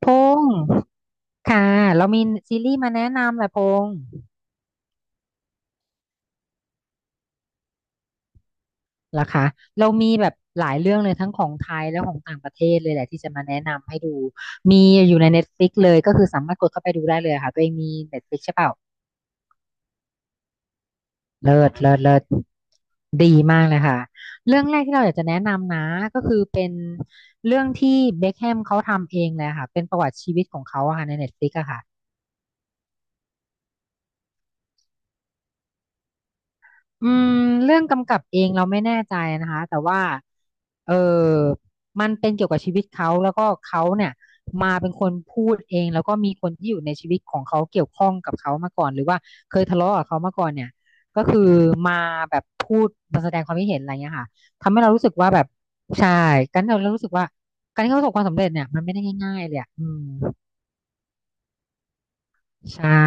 พงษ์ค่ะเรามีซีรีส์มาแนะนำแหละพงษ์เหรอคะเรามีแบบหลายเรื่องเลยทั้งของไทยและของต่างประเทศเลยแหละที่จะมาแนะนำให้ดูมีอยู่ใน Netflix เลยก็คือสามารถกดเข้าไปดูได้เลยค่ะตัวเองมี Netflix ใช่เปล่าเลิศเลิศเลิศดีมากเลยค่ะเรื่องแรกที่เราอยากจะแนะนำนะก็คือเป็นเรื่องที่เบ็คแฮมเขาทำเองเลยค่ะเป็นประวัติชีวิตของเขาอะค่ะใน Netflix อะค่ะ อืมเรื่องกำกับเองเราไม่แน่ใจนะคะแต่ว่าเออมันเป็นเกี่ยวกับชีวิตเขาแล้วก็เขาเนี่ยมาเป็นคนพูดเองแล้วก็มีคนที่อยู่ในชีวิตของเขาเกี่ยวข้องกับเขามาก่อนหรือว่าเคยทะเลาะกับเขามาก่อนเนี่ยก็คือมาแบบพูดมาแสดงความคิดเห็นอะไรเงี้ยค่ะทำให้เรารู้สึกว่าแบบใช่กันเรารู้สึกว่าการที่เขาประสบความสำเร็จเนี่ยมันไม่ได้ง่ายๆเลยอะอืมใช่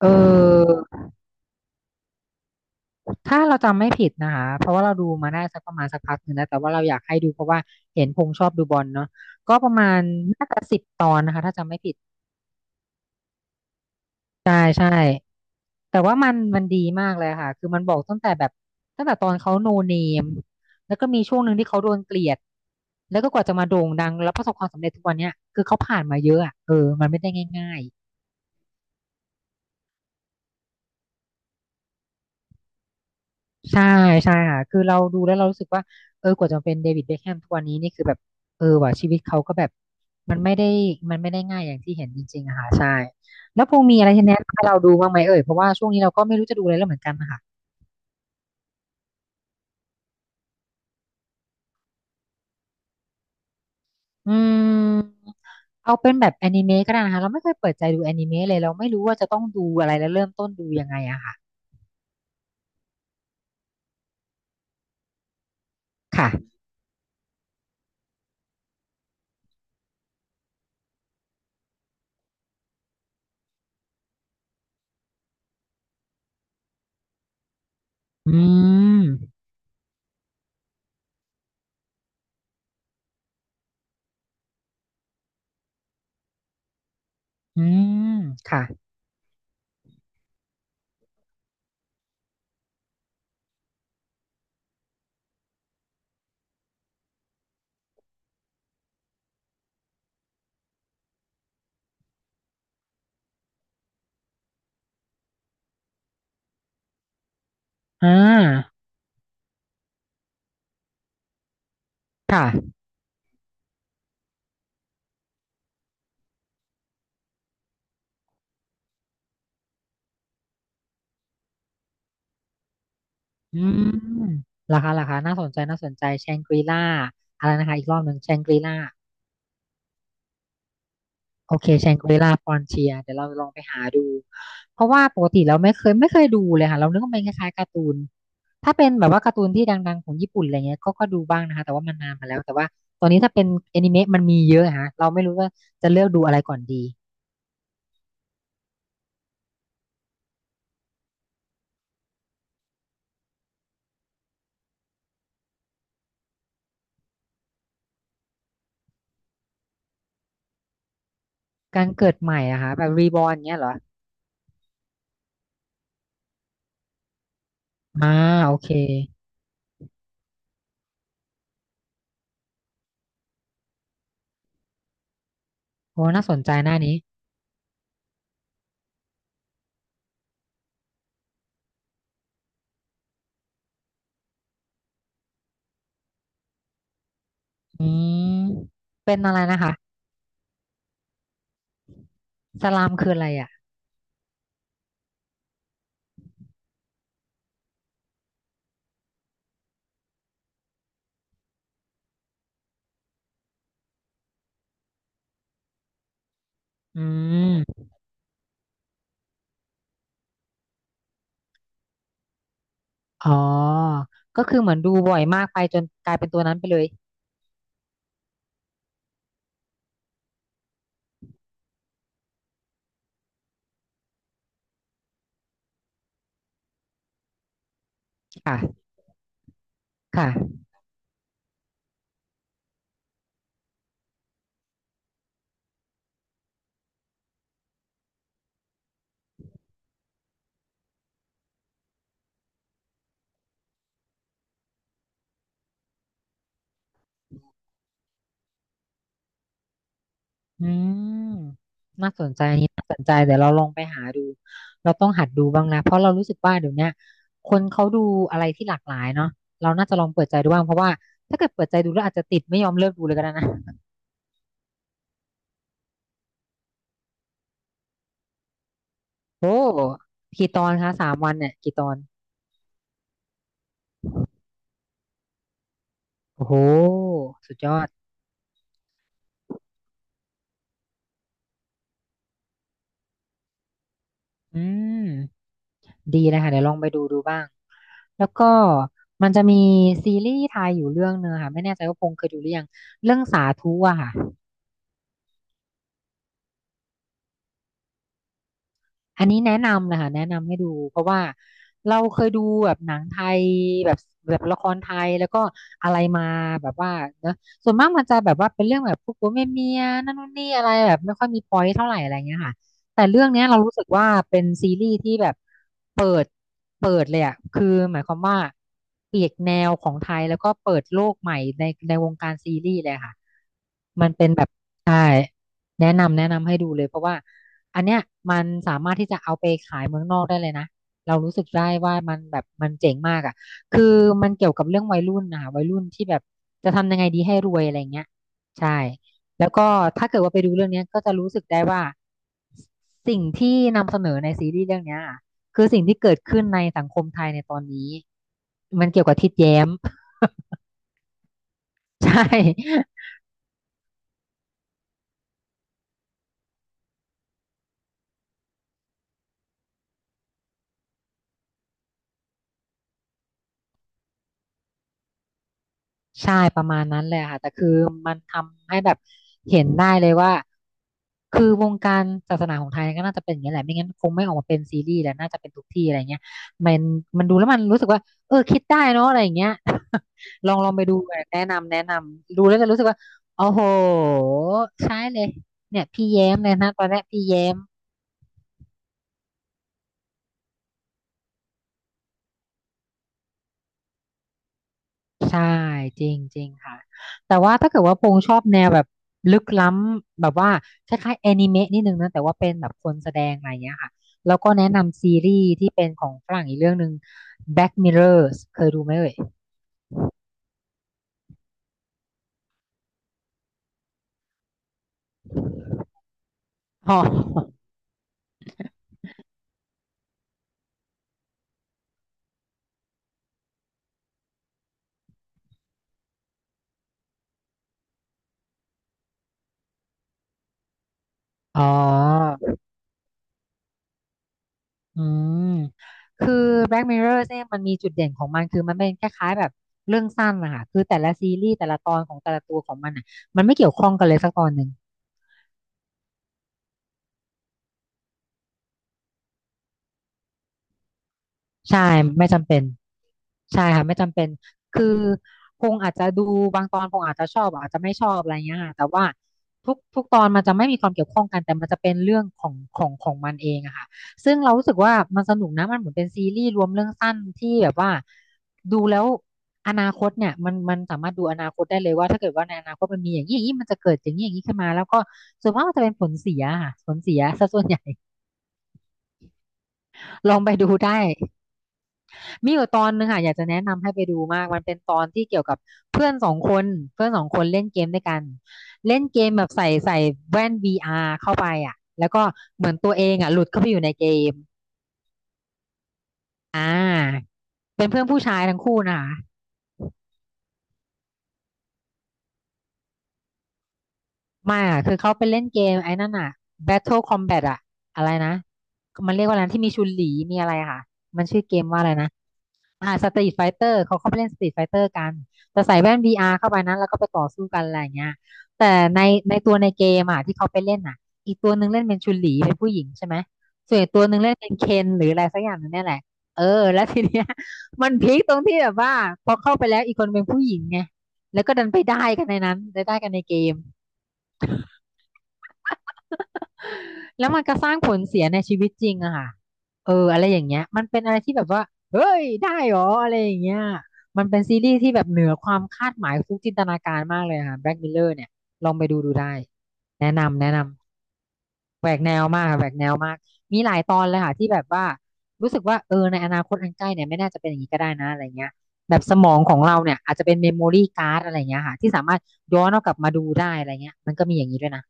เออ ถ้าเราจำไม่ผิดนะคะเพราะว่าเราดูมาได้สักประมาณสักพักหนึ่งแล้วแต่ว่าเราอยากให้ดูเพราะว่าเห็นพงษ์ชอบดูบอลเนาะก็ประมาณน่าจะ10 ตอนนะคะถ้าจำไม่ผิดใช่ใช่แต่ว่ามันดีมากเลยค่ะคือมันบอกตั้งแต่แบบตั้งแต่ตอนเขาโนเนมแล้วก็มีช่วงหนึ่งที่เขาโดนเกลียดแล้วก็กว่าจะมาโด่งดังแล้วประสบความสำเร็จทุกวันเนี้ยคือเขาผ่านมาเยอะอะเออมันไม่ได้ง่าย ใช่ใช่ค่ะคือเราดูแล้วเรารู้สึกว่าเออกว่าจะมาเป็นเดวิดเบคแฮมทุกวันนี้นี่คือแบบเออว่ะชีวิตเขาก็แบบมันไม่ได้มันไม่ได้ง่ายอย่างที่เห็นจริงๆอะค่ะใช่แล้วพงมีอะไรที่แนะนำให้เราดูบ้างไหมเอ่ยเพราะว่าช่วงนี้เราก็ไม่รู้จะดูอะไรแล้วเหมือนกันนะคะอืมเอาเป็นแบบแอนิเมะก็ได้นะคะเราไม่เคยเปิดใจดูแอนิเมะเลยเราไม่รู้ว่าจะต้องดูอะไรแล้วเริ่มต้นดูยังไงอะค่ะค่ะอืมอืมค่ะอ่าค่ะ อืมราคาราคาน่าสนใจ น่าสนใจแชงกรีล่าอะไรนะคะ อีกรอบหนึ่งแชงกรีล่าโอเคแชงกรีล่าฟอนเทียเดี๋ยวเราลองไปหาดู เพราะว่าปกติเราไม่เคยดูเลยค่ะ เรานึกว่ามันคล้ายๆการ์ตูน ถ้าเป็นแบบว่าการ์ตูนที่ดังๆของญี่ปุ่นอะไรเงี้ยก็ก็ดูบ้างนะคะ แต่ว่ามันนานมาแล้ว แต่ว่าตอนนี้ถ้าเป็นแอนิเมะมันมีเยอะฮะเราไม่รู้ว่าจะเลือกดูอะไรก่อนดีการเกิดใหม่อะค่ะแบบรีบอร์นเงี้ยเหรออ่าโอเคโอ้น่าสนใจหน้านี้อืมเป็นอะไรนะคะสลามคืออะไรอ่ะ อืมอ๋อก็คือเหมือนดูบ่อยมากไปจนกลายเป็นตัวนั้นไปเลย ค่ะค่ะ อืมน่าสนใจอันนี้น่าสนใจเดี๋ยวเราลองไปหาดู เราต้องหัดดูบ้างนะเพราะเรารู้สึกว่าเดี๋ยวเนี้ยคนเขาดูอะไรที่หลากหลายเนาะเราน่าจะลองเปิดใจดูบ้างเพราะว่าถ้าเกิดเปิดใจดูแล้วอาจจะติดไม่ยอมเลิกดูเลยก็ได้นะโอ้กี่ตอนคะ3 วันเนี่ยกี่ตอนโอ้โหสุดยอดอืมดีนะคะเดี๋ยวลองไปดูดูบ้าง แล้วก็มันจะมีซีรีส์ไทยอยู่เรื่องเนึงอะค่ะไม่แน่ใจว่าพงษ์เคยดูหรือยังเรื่องสาธุอะค่ะ อันนี้แนะนำเลยค่ะแนะนำให้ดูเพราะว่าเราเคยดูแบบหนังไทยแบบแบบละครไทยแล้วก็อะไรมาแบบว่าเนอะส่วนมากมันจะแบบว่าเป็นเรื่องแบบพวกผัวเมียเมียนั่นนู่นนี่อะไรแบบไม่ค่อยมีพอยต์เท่าไหร่อะไรเงี้ยค่ะแต่เรื่องเนี้ยเรารู้สึกว่าเป็นซีรีส์ที่แบบเปิดเปิดเลยอะคือหมายความว่าเปลี่ยนแนวของไทยแล้วก็เปิดโลกใหม่ในในวงการซีรีส์เลยค่ะ มันเป็นแบบใช่แนะนำให้ดูเลยเพราะว่าอันเนี้ยมันสามารถที่จะเอาไปขายเมืองนอกได้เลยนะเรารู้สึกได้ว่ามันแบบมันเจ๋งมากอ่ะคือมันเกี่ยวกับเรื่องวัยรุ่นนะคะวัยรุ่นที่แบบจะทำยังไงดีให้รวยอะไรเงี้ยใช่แล้วก็ถ้าเกิดว่าไปดูเรื่องเนี้ยก็จะรู้สึกได้ว่าสิ่งที่นำเสนอในซีรีส์เรื่องเนี้ยอะคือสิ่งที่เกิดขึ้นในสังคมไทยในตอนนี้มันเกี่ยวกับทิดแย้ม ใช่ ใช่ประมาณนั้นเลยค่ะแต่คือมันทำให้แบบเห็นได้เลยว่าคือวงการศาสนาของไทยก็น่าจะเป็นอย่างนี้แหละไม่งั้นคงไม่ออกมาเป็นซีรีส์แหละน่าจะเป็นทุกที่อะไรเงี้ยมันมันดูแล้วมันรู้สึกว่าเออคิดได้เนาะอะไรอย่างเงี้ย ลองไปดูเลยแนะนำดูแล้วจะรู้สึกว่าโอ้โหใช่เลยเนี่ยพี่แย้มเลยนะตอนแรกพี่แย้ม ใช่จริงจริงค่ะแต่ว่าถ้าเกิดว่าพงษ์ชอบแนวแบบลึกล้ำแบบว่าคล้ายๆแอนิเมะนิดนึงนะแต่ว่าเป็นแบบคนแสดงอะไรเงี้ยค่ะแล้วก็แนะนำซีรีส์ที่เป็นของฝรั่งอีกเรื่องหนึ่ง Black Mirrors เคยดูไหมเอ่ยอ๋ออ๋ออืมคือ Black Mirror เนี่ยมันมีจุดเด่นของมันคือมันเป็นคล้ายๆแบบเรื่องสั้นนะคะคือแต่ละซีรีส์แต่ละตอนของแต่ละตัวของมันอ่ะมันไม่เกี่ยวข้องกันเลยสักตอนหนึ่งใช่ไม่จำเป็น ใช่ค่ะไม่จำเป็นคือพงอาจจะดูบางตอนพงอาจจะชอบอาจจะไม่ชอบอะไรเงี้ยค่ะแต่ว่าทุกตอนมันจะไม่มีความเกี่ยวข้องกันแต่มันจะเป็นเรื่องของมันเองอะค่ะซึ่งเรารู้สึกว่ามันสนุกนะมันเหมือนเป็นซีรีส์รวมเรื่องสั้นที่แบบว่าดูแล้วอนาคตเนี่ยมันสามารถดูอนาคตได้เลยว่าถ้าเกิดว่าในอนาคตมันมีอย่างนี้อย่างนี้มันจะเกิดอย่างนี้อย่างนี้ขึ้นมาแล้วก็ส่วนมากมันจะเป็นผลเสียค่ะผลเสียซะส่วนใหญ่ ลองไปดูได้ มีอยู่ตอนหนึงค่ะอยากจะแนะนำให้ไปดูมากมันเป็นตอนที่เกี่ยวกับเพื่อนสองคนเพื่อนสองคนเล่นเกมด้วยกันเล่นเกมแบบใส่แว่น VR เข้าไปอ่ะแล้วก็เหมือนตัวเองอ่ะหลุดเข้าไปอยู่ในเกมอ่าเป็นเพื่อนผู้ชายทั้งคู่นะคะไม่อ่ะคือเขาไปเล่นเกมไอ้นั่นอ่ะ Battle Combat อ่ะอะไรนะมันเรียกว่าอะไรนะที่มีชุนหลีมีอะไรอะค่ะมันชื่อเกมว่าอะไรนะ อ่าสตรีทไฟเตอร์เขาเข้าไปเล่นสตรีทไฟเตอร์กันแต่ใส่แว่นวีอาร์เข้าไปนั้นแล้วก็ไปต่อสู้กันอะไรอย่างเงี้ยแต่ในในตัวในเกมอ่ะที่เขาไปเล่นอ่ะอีกตัวหนึ่งเล่นเป็นชุนหลีเป็นผู้หญิงใช่ไหมส่วนอีกตัวหนึ่งเล่นเป็นเคนหรืออะไรสักอย่างหนึงเนี่ยแหละเออแล้วทีเนี้ย มันพีคตรงที่แบบว่าพอเข้าไปแล้วอีกคนเป็นผู้หญิงไงแล้วก็ดันไปได้กันในนั้นได้กันในเกม แล้วมันก็สร้างผลเสียในชีวิตจริงอะค่ะเอออะไรอย่างเงี้ยมันเป็นอะไรที่แบบว่าเฮ้ยได้เหรออะไรอย่างเงี้ยมันเป็นซีรีส์ที่แบบเหนือความคาดหมายฟุกจินตนาการมากเลยค่ะแบล็กมลเลอร์เนี่ยลองไปดูดูได้แนะนำแหวกแนวมากค่ะแหวกแนวมากมีหลายตอนเลยค่ะที่แบบว่ารู้สึกว่าเออในอนาคตอันใกล้เนี่ยไม่น่าจะเป็นอย่างนี้ก็ได้นะอะไรเงี้ยแบบสมองของเราเนี่ยอาจจะเป็นเมมโมรี่การ์ดอะไรเงี้ยค่ะที่สามารถย้อนเอากลับมาดูได้อะไรเงี้ยมันก็มีอย่างนี้ด้วยนะ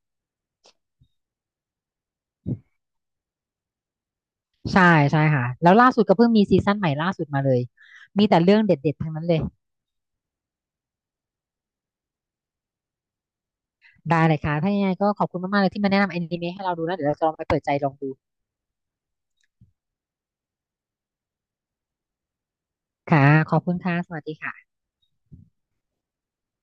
ใช่ใช่ค่ะแล้วล่าสุดก็เพิ่งมีซีซั่นใหม่ล่าสุดมาเลยมีแต่เรื่องเด็ดๆ ทั้งนั้นเลยได้เลยค่ะถ้ายังไงก็ขอบคุณมากๆเลยที่มาแนะนำอนิเมะให้เราดูแล้วเดี๋ยวเราจะลองไปเปิดใจลองดูค่ะขอบคุณค่ะสวัสดีค่ะ